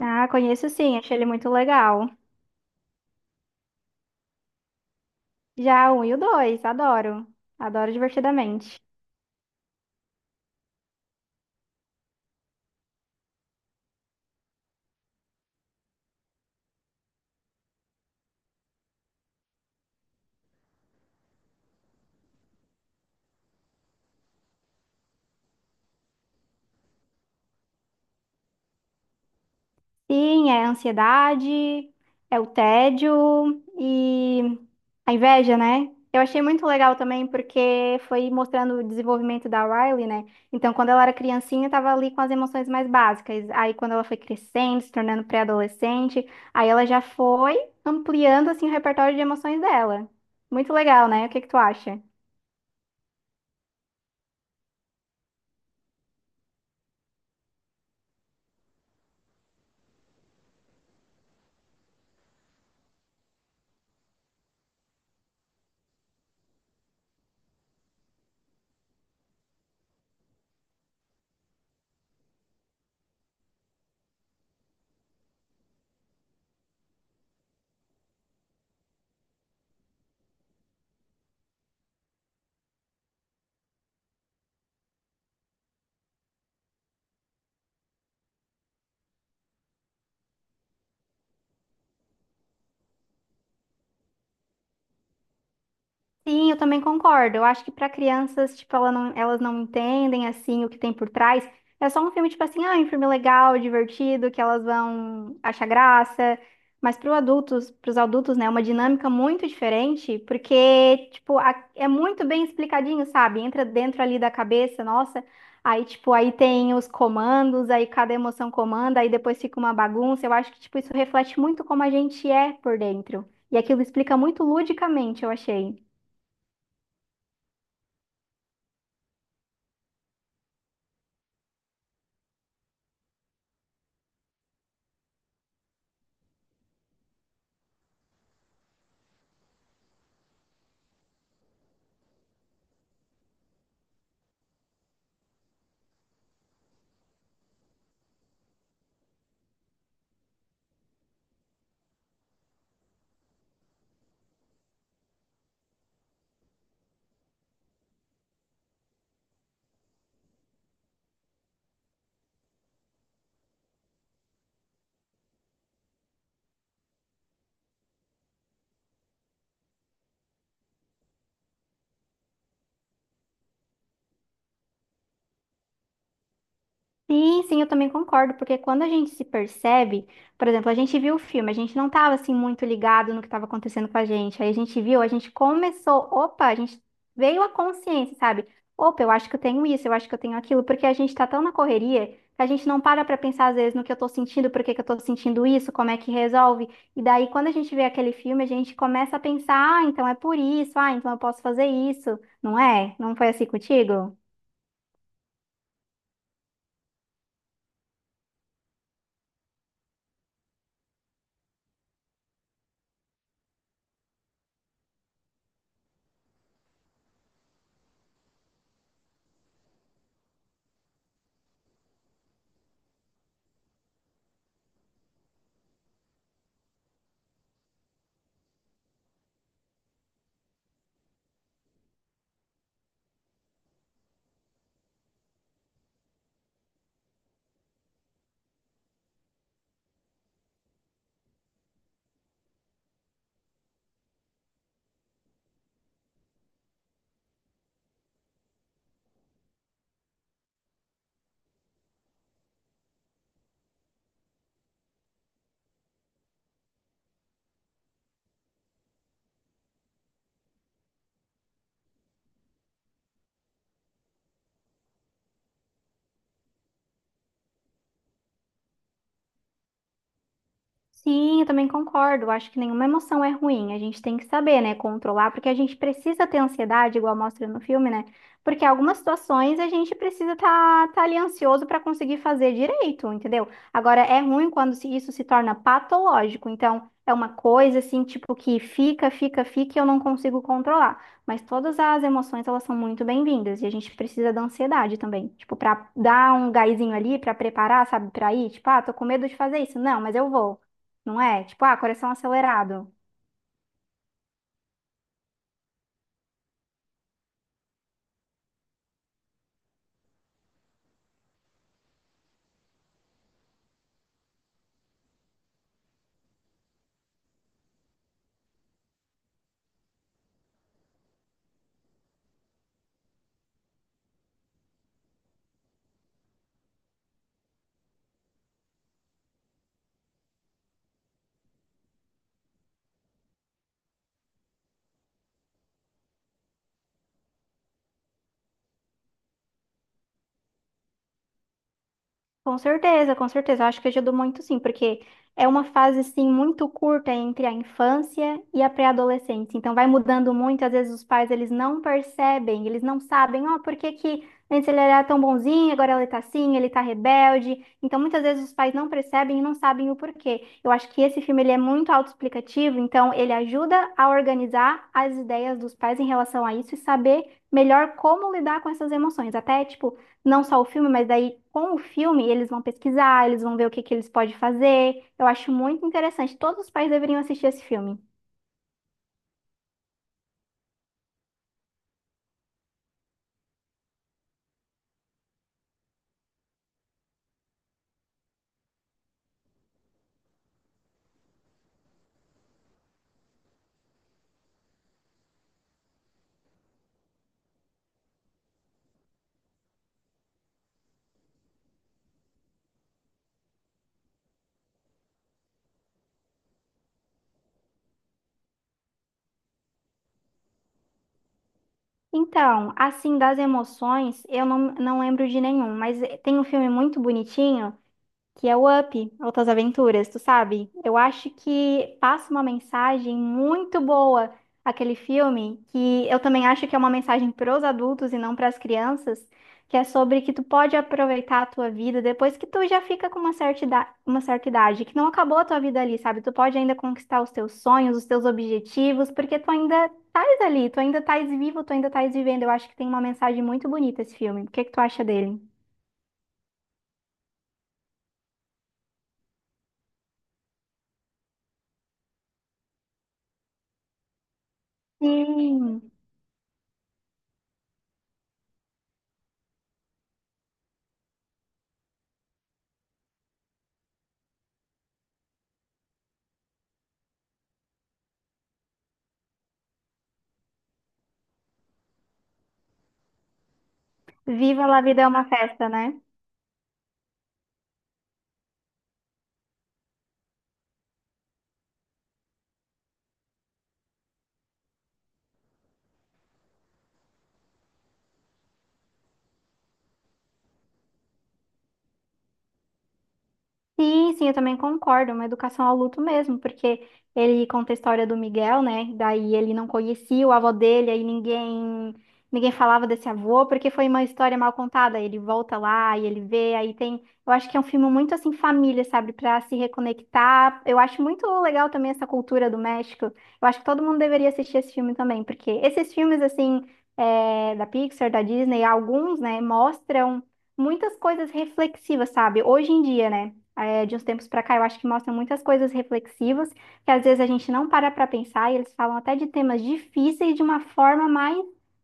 Ah, conheço sim, achei ele muito legal. Já o um e o dois, adoro. Adoro divertidamente. Sim, é a ansiedade, é o tédio e a inveja, né? Eu achei muito legal também porque foi mostrando o desenvolvimento da Riley, né? Então, quando ela era criancinha, estava ali com as emoções mais básicas. Aí, quando ela foi crescendo, se tornando pré-adolescente, aí ela já foi ampliando assim o repertório de emoções dela. Muito legal, né? O que que tu acha? Sim, eu também concordo. Eu acho que para crianças, tipo, elas não entendem assim o que tem por trás. É só um filme tipo assim, ah, um filme legal, divertido, que elas vão achar graça. Mas para os adultos, né, é uma dinâmica muito diferente, porque tipo, é muito bem explicadinho, sabe? Entra dentro ali da cabeça, nossa. Aí tipo, aí tem os comandos, aí cada emoção comanda, aí depois fica uma bagunça. Eu acho que tipo isso reflete muito como a gente é por dentro. E aquilo explica muito ludicamente, eu achei. Sim, sim, eu também concordo, porque quando a gente se percebe, por exemplo, a gente viu o filme, a gente não estava assim muito ligado no que estava acontecendo com a gente. Aí a gente viu, a gente começou, opa, a gente veio a consciência, sabe? Opa, eu acho que eu tenho isso, eu acho que eu tenho aquilo, porque a gente está tão na correria que a gente não para para pensar às vezes no que eu estou sentindo, por que que eu estou sentindo isso, como é que resolve. E daí quando a gente vê aquele filme, a gente começa a pensar, ah, então é por isso, ah, então eu posso fazer isso, não é? Não foi assim contigo? Sim, eu também concordo. Eu acho que nenhuma emoção é ruim. A gente tem que saber, né, controlar, porque a gente precisa ter ansiedade, igual mostra no filme, né? Porque algumas situações a gente precisa estar ali ansioso para conseguir fazer direito, entendeu? Agora, é ruim quando isso se torna patológico. Então, é uma coisa assim, tipo, que fica, fica, fica e eu não consigo controlar. Mas todas as emoções, elas são muito bem-vindas e a gente precisa da ansiedade também. Tipo, para dar um gásinho ali, para preparar, sabe, para ir. Tipo, ah, tô com medo de fazer isso. Não, mas eu vou, não é? Tipo, ah, coração acelerado. Com certeza, com certeza. Eu acho que ajudou muito sim, porque é uma fase assim muito curta entre a infância e a pré-adolescência. Então vai mudando muito, às vezes os pais eles não percebem, eles não sabem, ó, por que que antes ele era tão bonzinho, agora ele tá assim, ele tá rebelde. Então muitas vezes os pais não percebem e não sabem o porquê. Eu acho que esse filme ele é muito autoexplicativo, então ele ajuda a organizar as ideias dos pais em relação a isso e saber melhor como lidar com essas emoções. Até, tipo, não só o filme, mas daí com o filme eles vão pesquisar, eles vão ver o que que eles podem fazer. Eu acho muito interessante. Todos os pais deveriam assistir esse filme. Então, assim, das emoções, eu não, não lembro de nenhum, mas tem um filme muito bonitinho que é o Up, Outras Aventuras, tu sabe? Eu acho que passa uma mensagem muito boa aquele filme, que eu também acho que é uma mensagem para os adultos e não para as crianças, que é sobre que tu pode aproveitar a tua vida depois que tu já fica com uma certa idade, que não acabou a tua vida ali, sabe? Tu pode ainda conquistar os teus sonhos, os teus objetivos, porque tu ainda estás ali, tu ainda estás vivo, tu ainda estás vivendo. Eu acho que tem uma mensagem muito bonita esse filme. O que que tu acha dele? Sim. Viva la vida é uma festa, né? Sim, sim, eu também concordo. É uma educação ao luto mesmo, porque ele conta a história do Miguel, né? Daí ele não conhecia o avô dele, aí ninguém falava desse avô, porque foi uma história mal contada. Ele volta lá e ele vê, aí tem. Eu acho que é um filme muito assim família, sabe? Pra se reconectar. Eu acho muito legal também essa cultura do México. Eu acho que todo mundo deveria assistir esse filme também, porque esses filmes assim da Pixar, da Disney, alguns, né, mostram muitas coisas reflexivas, sabe? Hoje em dia, né? De uns tempos para cá, eu acho que mostram muitas coisas reflexivas, que às vezes a gente não para para pensar, e eles falam até de temas difíceis de uma forma mais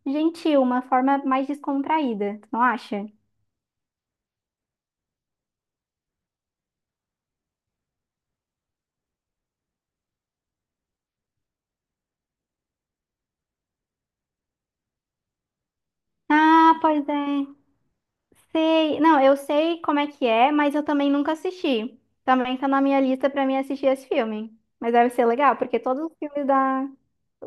gentil, uma forma mais descontraída, tu não acha? Ah, pois é, sei. Não, eu sei como é que é, mas eu também nunca assisti. Também tá na minha lista para mim assistir esse filme. Mas deve ser legal, porque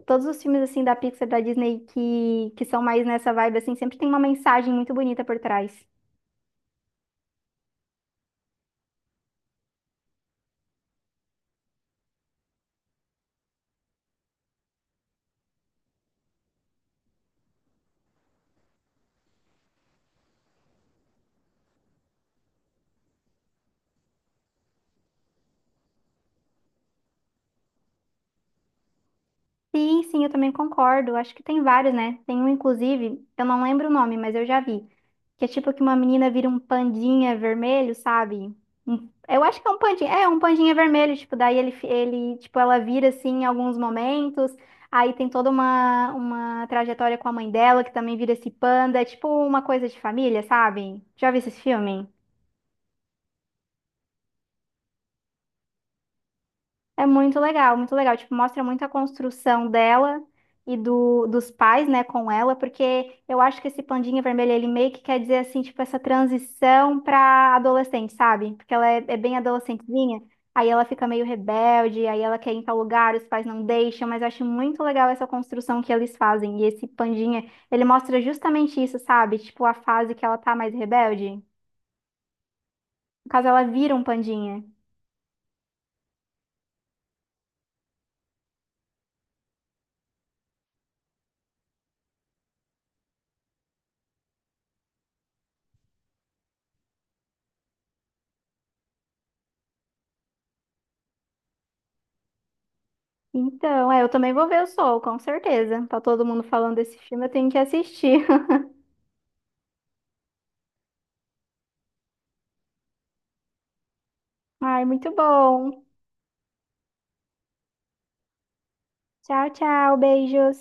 todos os filmes assim da Pixar, da Disney que são mais nessa vibe assim, sempre tem uma mensagem muito bonita por trás. Sim, sim, eu também concordo. Acho que tem vários, né? Tem um, inclusive, eu não lembro o nome, mas eu já vi. Que é tipo que uma menina vira um pandinha vermelho, sabe? Eu acho que é um pandinha. É, um pandinha vermelho, tipo, daí ele, tipo, ela vira assim em alguns momentos. Aí tem toda uma trajetória com a mãe dela, que também vira esse panda. É tipo uma coisa de família, sabe? Já vi esse filme? É muito legal, muito legal. Tipo, mostra muito a construção dela e dos pais, né, com ela, porque eu acho que esse pandinha vermelho, ele meio que quer dizer, assim, tipo, essa transição pra adolescente, sabe? Porque é bem adolescentezinha, aí ela fica meio rebelde, aí ela quer ir em tal lugar, os pais não deixam, mas eu acho muito legal essa construção que eles fazem. E esse pandinha, ele mostra justamente isso, sabe? Tipo, a fase que ela tá mais rebelde. No caso, ela vira um pandinha. Então, é, eu também vou ver o Soul, com certeza. Tá todo mundo falando desse filme, eu tenho que assistir. Ai, muito bom. Tchau, tchau, beijos.